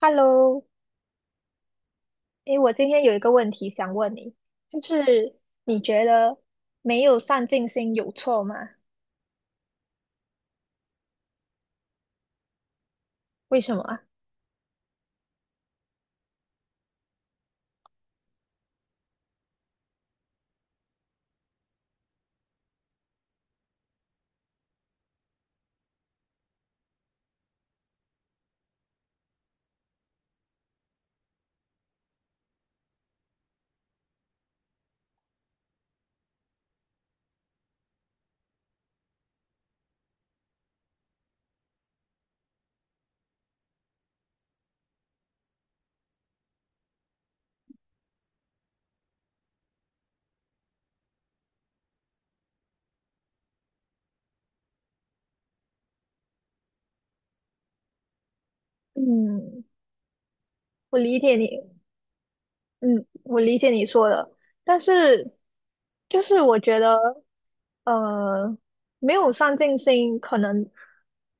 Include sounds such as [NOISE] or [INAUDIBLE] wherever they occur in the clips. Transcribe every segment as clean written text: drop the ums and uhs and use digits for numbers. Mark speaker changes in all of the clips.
Speaker 1: Hello，诶，我今天有一个问题想问你，就是你觉得没有上进心有错吗？为什么啊？嗯，我理解你。嗯，我理解你说的，但是就是我觉得，呃，没有上进心，可能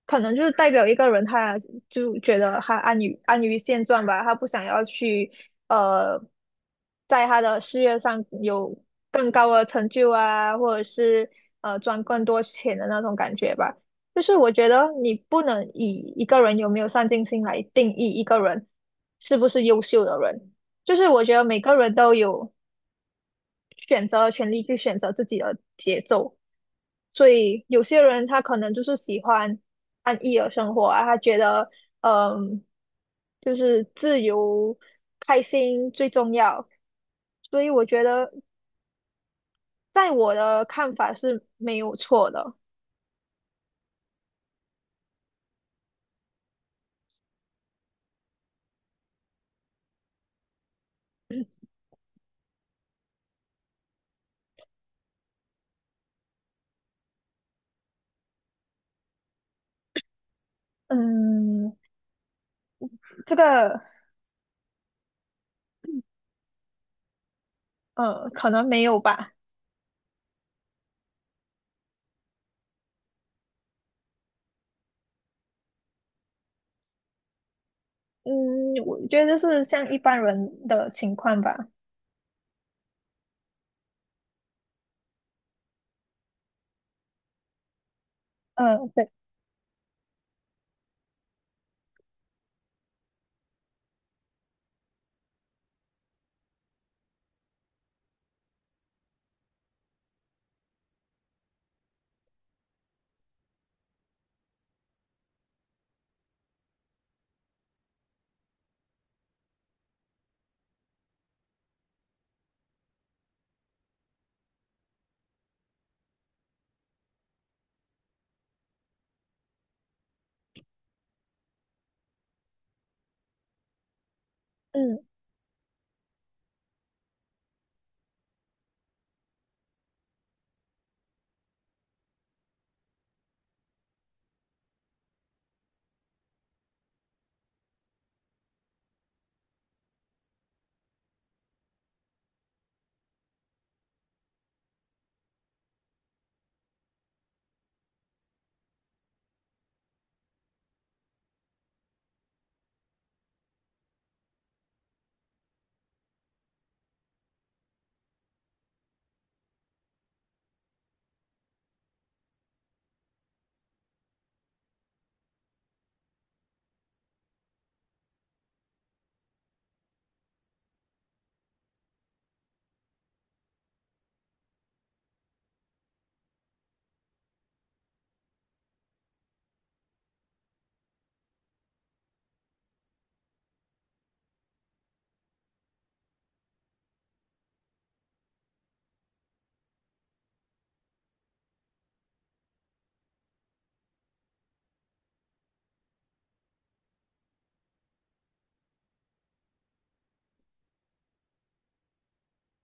Speaker 1: 就是代表一个人，他就觉得他安于现状吧，他不想要去，呃，在他的事业上有更高的成就啊，或者是赚更多钱的那种感觉吧。就是我觉得你不能以一个人有没有上进心来定义一个人是不是优秀的人。就是我觉得每个人都有选择的权利去选择自己的节奏，所以有些人他可能就是喜欢安逸的生活啊，他觉得嗯，就是自由开心最重要，所以我觉得在我的看法是没有错的。嗯，这个可能没有吧。嗯，我觉得是像一般人的情况吧。嗯，对，嗯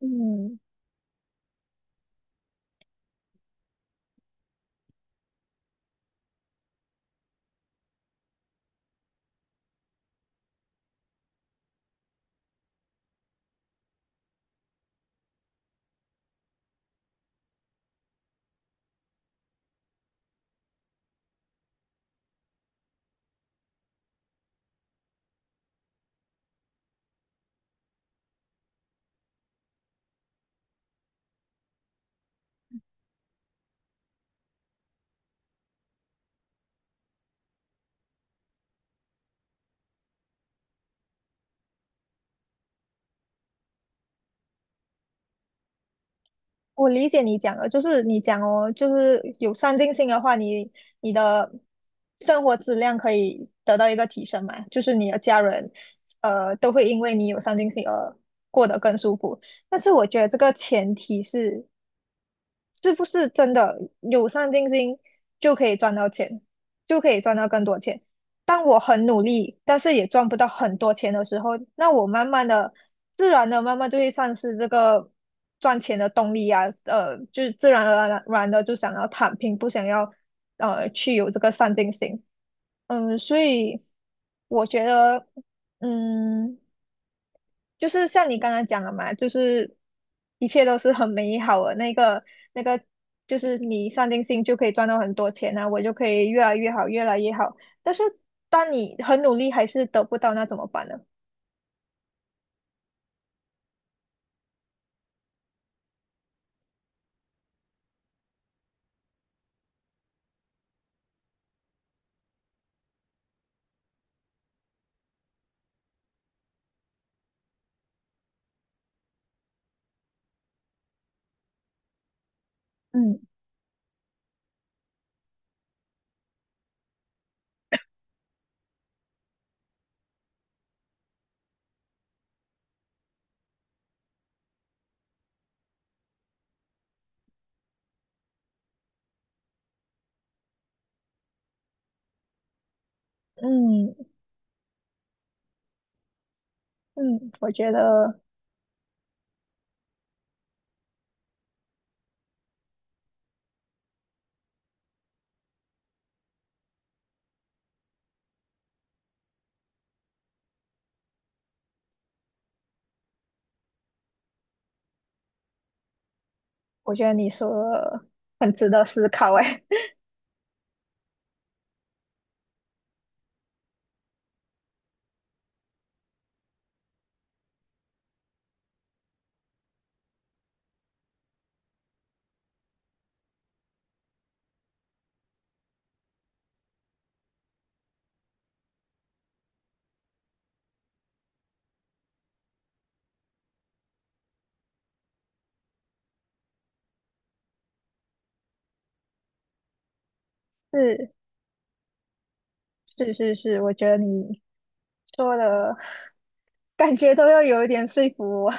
Speaker 1: 嗯。我理解你讲的，就是你讲哦，就是有上进心的话，你的生活质量可以得到一个提升嘛，就是你的家人，呃，都会因为你有上进心而过得更舒服。但是我觉得这个前提是，是不是真的有上进心就可以赚到钱，就可以赚到更多钱？当我很努力，但是也赚不到很多钱的时候，那我慢慢的、自然的、慢慢就会丧失这个赚钱的动力啊。就是自然而然的就想要躺平，不想要去有这个上进心。嗯，所以我觉得，嗯，就是像你刚刚讲的嘛，就是一切都是很美好的那个那个，就是你上进心就可以赚到很多钱啊，我就可以越来越好，越来越好。但是当你很努力还是得不到，那怎么办呢？嗯嗯嗯，我觉得你说的很值得思考，哎，[LAUGHS] 是是是是，我觉得你说的 [LAUGHS] 感觉都要有一点说服我。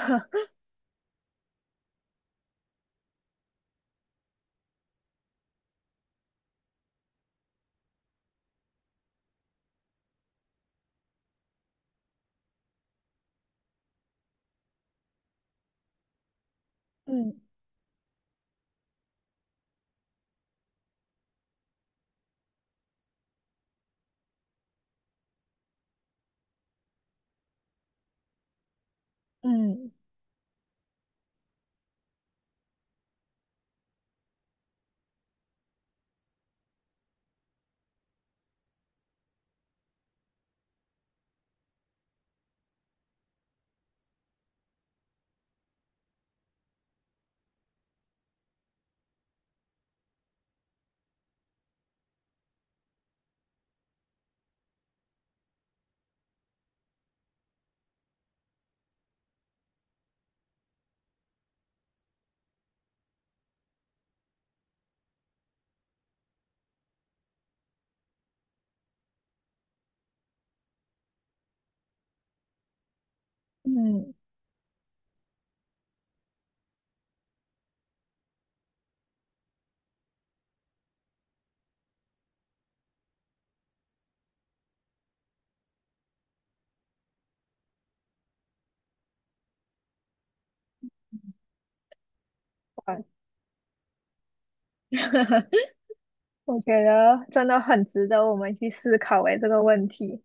Speaker 1: [LAUGHS] 嗯嗯嗯，好吧。 [LAUGHS] 我觉得真的很值得我们去思考诶这个问题。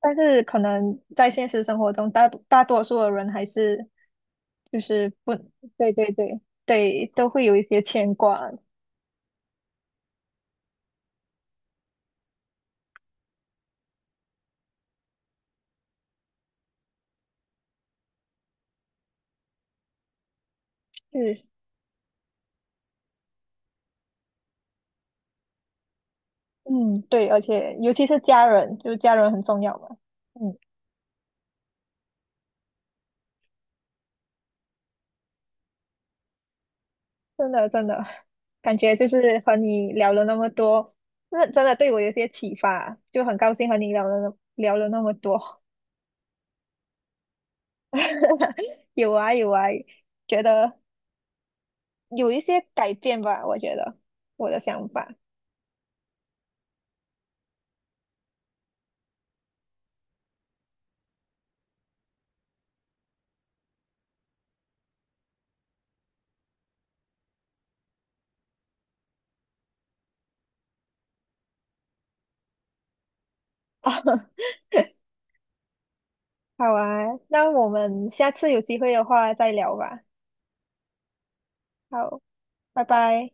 Speaker 1: 但是可能在现实生活中，大多数的人还是就是不。对对对，都会有一些牵挂。是，嗯，对，而且尤其是家人，就是家人很重要嘛。嗯，真的真的，感觉就是和你聊了那么多，那真的对我有些启发，就很高兴和你聊了那么多。[LAUGHS] 有啊有啊，觉得有一些改变吧，我觉得我的想法。[LAUGHS] 好啊，那我们下次有机会的话再聊吧。好，拜拜。